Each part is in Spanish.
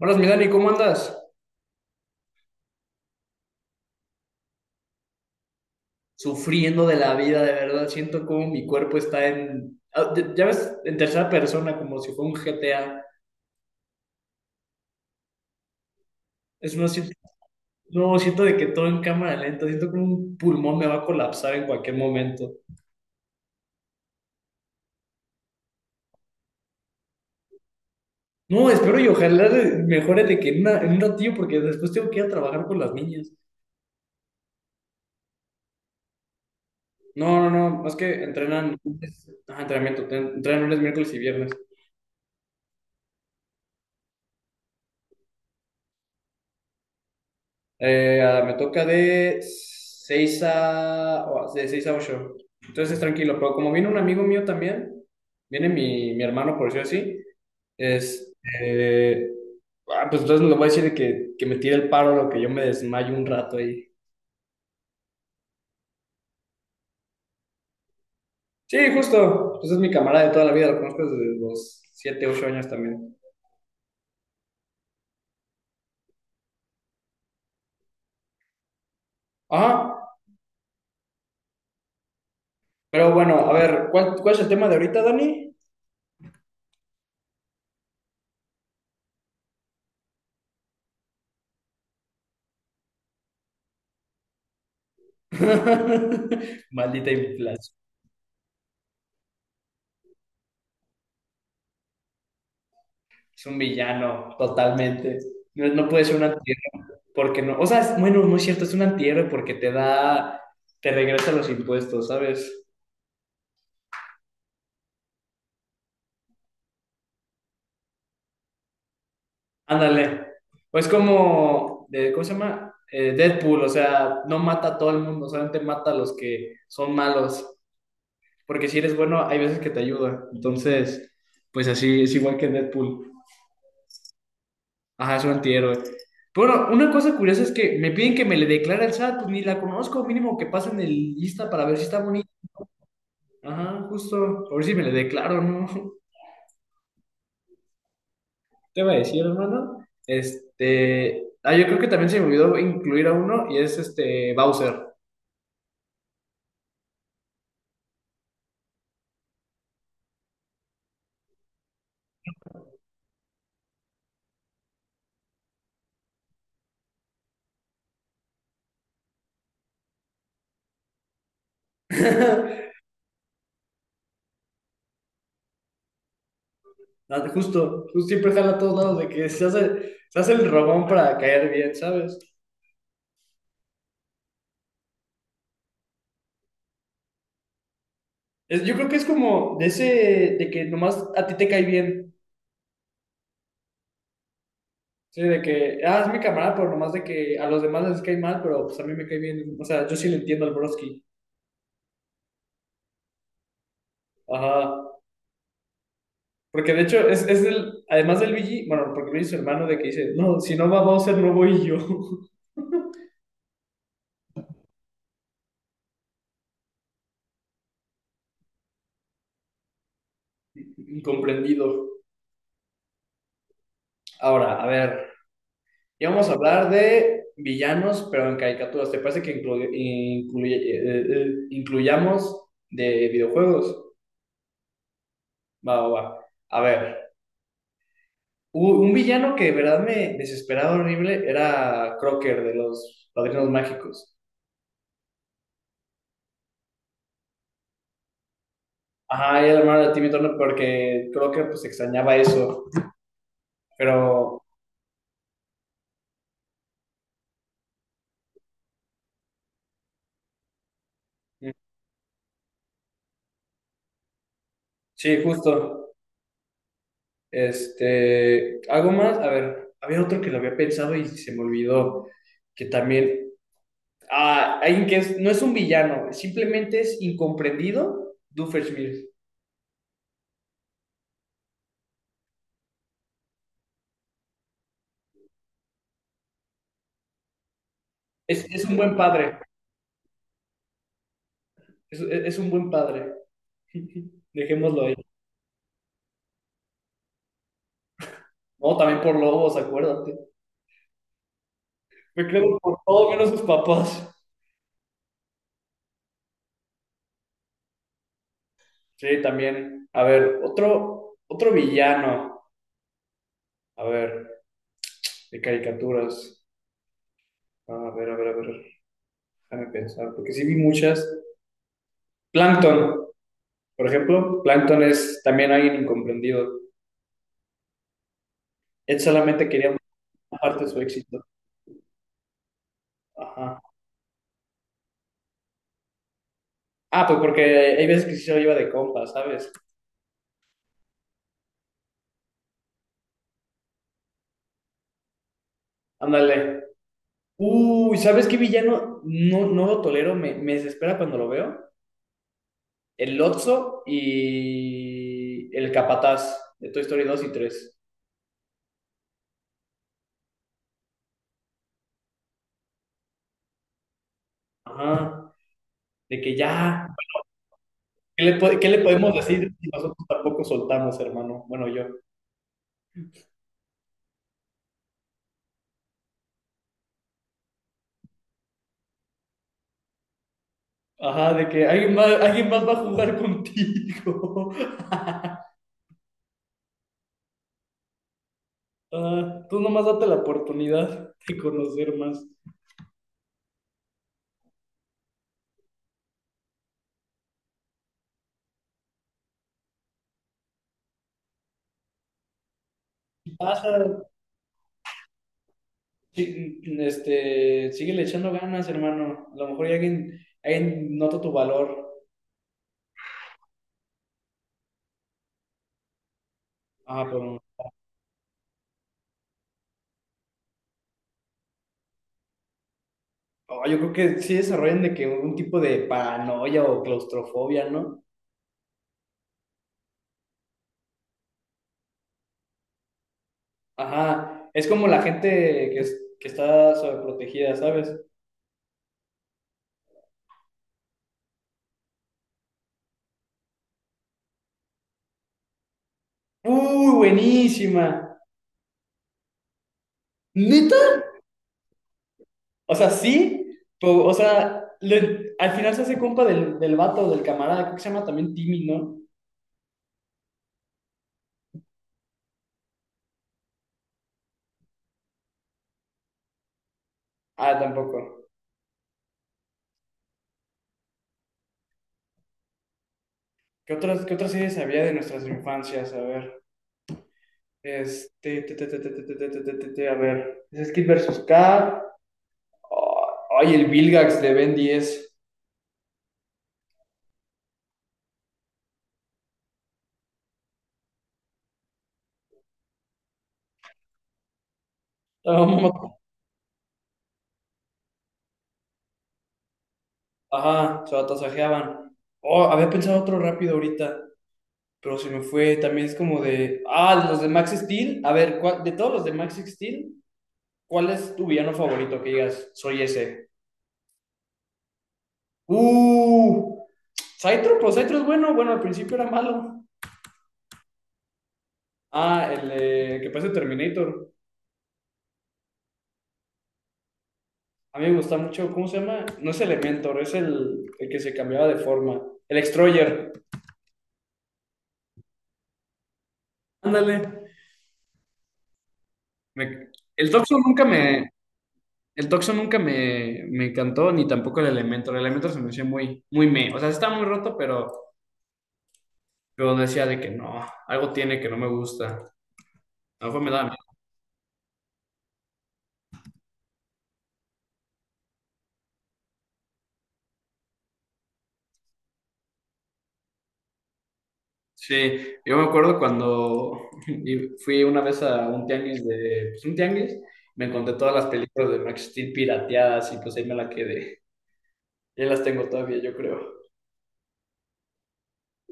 Hola, mi Dani, ¿cómo andas? Sufriendo de la vida, de verdad. Siento como mi cuerpo está ya ves, en tercera persona, como si fuera un GTA. Es no siento, no, siento de que todo en cámara lenta. Siento que un pulmón me va a colapsar en cualquier momento. No, espero y ojalá mejore de que en, en un ratillo, porque después tengo que ir a trabajar con las niñas. No, no, no. Es que entrenan. Ajá, entrenamiento. Entrenan lunes, miércoles y viernes. Me toca de 6 a, de 6 a ocho. Entonces tranquilo, pero como viene un amigo mío también, viene mi hermano, por decirlo así, es, eh, pues entonces le voy a decir que me tire el paro, lo que yo me desmayo un rato ahí. Sí, justo, pues es mi camarada de toda la vida, lo conozco desde los siete ocho años también. Ajá, pero bueno, a ver, ¿cuál es el tema de ahorita, Dani? Maldita inflación. Es un villano, totalmente. No, no puede ser un antihéroe porque no. O sea, bueno, no es cierto, es un antihéroe porque te da, te regresa los impuestos, ¿sabes? Ándale. O es como, ¿cómo se llama? Deadpool, o sea, no mata a todo el mundo, solamente mata a los que son malos. Porque si eres bueno, hay veces que te ayuda. Entonces, pues así, es igual que Deadpool. Ajá, es un antihéroe. Pero bueno, una cosa curiosa es que me piden que me le declare al SAT, pues ni la conozco, mínimo que pasen el lista para ver si está bonita. Ajá, justo. A ver si me le declaro, ¿no? Te iba a decir, hermano. Este. Yo creo que también se me olvidó incluir a uno y es este Bowser. Ah, justo, justo siempre jala a todos lados de que se hace el robón para caer bien, ¿sabes? Yo creo que es como de ese, de que nomás a ti te cae bien. Sí, de que, es mi camarada, pero nomás de que a los demás les cae mal, pero pues a mí me cae bien. O sea, yo sí le entiendo al broski. Ajá. Porque de hecho, es el, además del Luigi, bueno, porque Luigi es su hermano de que dice, no, si no va Bowser, no voy yo. Incomprendido. Ahora, a ver, ya vamos a hablar de villanos, pero en caricaturas. ¿Te parece que incluyamos de videojuegos? Va, va, va. A ver, un villano que de verdad me desesperaba horrible era Crocker de los Padrinos Mágicos. Ajá, y el hermano de Timmy Turner porque Crocker pues extrañaba eso. Pero, mm, sí, justo. Este, algo más, a ver, había otro que lo había pensado y se me olvidó, que también, alguien que no es un villano, simplemente es incomprendido, Doofenshmirtz. Es un buen padre, es un buen padre. Dejémoslo ahí. No, también por lobos, acuérdate. Me creo por todo menos sus papás. Sí, también. A ver, otro villano. A ver, de caricaturas. A ver, a ver, a ver. Déjame pensar, porque sí vi muchas. Plankton. Por ejemplo, Plankton es también alguien incomprendido. Él solamente quería una parte de su éxito. Ajá. Ah, pues porque hay veces que sí se lo lleva de compa, ¿sabes? Ándale. Uy, ¿sabes qué villano? No, no lo tolero, me desespera cuando lo veo. El Lotso y el Capataz de Toy Story 2 y 3. Ajá. De que ya, ¿qué le podemos decir si nosotros tampoco soltamos, hermano? Bueno, yo. Ajá, de que alguien más va a jugar contigo. Ah, tú nomás date la oportunidad de conocer más. Pasa, sí, este, síguele echando ganas, hermano. A lo mejor ya alguien nota tu valor. Ah, pero oh, yo creo que sí desarrollan de que un tipo de paranoia o claustrofobia, ¿no? Ajá, es como la gente que, que está sobreprotegida, ¿sabes? ¡Uy, buenísima! ¿Neta? O sea, sí, pero, o sea, al final se hace compa del vato, del camarada, creo que se llama también Timmy, ¿no? Ah, tampoco. Qué otras series había de nuestras infancias? A ver. Este. Te, A ver. Es Kid versus Kat. Oh, Ay, el Vilgax de Ben 10. Estaba muy- mat- Ajá, se atasajeaban. Oh, había pensado otro rápido ahorita. Pero se me fue. También es como de. Ah, los de Max Steel. A ver, de todos los de Max Steel, ¿cuál es tu villano favorito? Que digas, soy ese. Uh. Cytro, pues Cytro es bueno. Bueno, al principio era malo. Ah, el que parece Terminator. A mí me gusta mucho, ¿cómo se llama? No es Elementor, es el que se cambiaba de forma. El Extroyer. Ándale. Me- el Toxo nunca me, el Toxo nunca me encantó, ni tampoco el Elementor. El Elementor se me hacía muy, muy me. O sea, está muy roto, pero decía de que no, algo tiene que no me gusta. A lo mejor me daba. Sí, yo me acuerdo cuando y fui una vez a un tianguis de, pues un tianguis, me encontré todas las películas de Max Steel pirateadas y pues ahí me la quedé. Ya las tengo todavía, yo creo.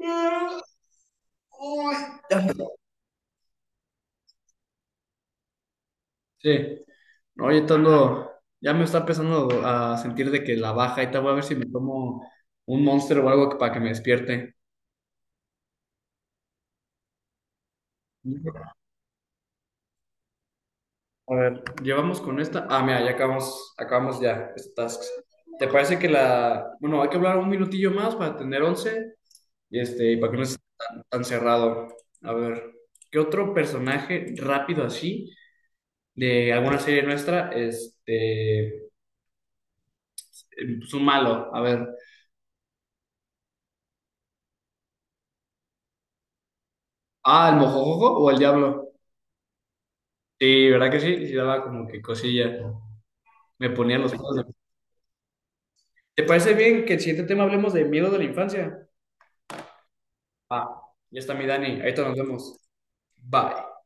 Ah, uy. Sí, oye, Tondo, ya me está empezando a sentir de que la baja, y te voy a ver si me tomo un Monster o algo para que me despierte. A ver, llevamos con esta. Ah, mira, ya acabamos, acabamos ya, estas tasks. ¿Te parece que la... Bueno, hay que hablar un minutillo más para tener 11? Y este, y para que no esté tan, tan cerrado. A ver, ¿qué otro personaje rápido así de alguna serie nuestra este, es un malo? A ver, ah, el mojojojo o el diablo. Sí, ¿verdad que sí? Sí daba como que cosilla. Me ponía los pelos de- ¿Te parece bien que el siguiente tema hablemos de miedo de la infancia? Va, ya está mi Dani, ahorita nos vemos. Bye.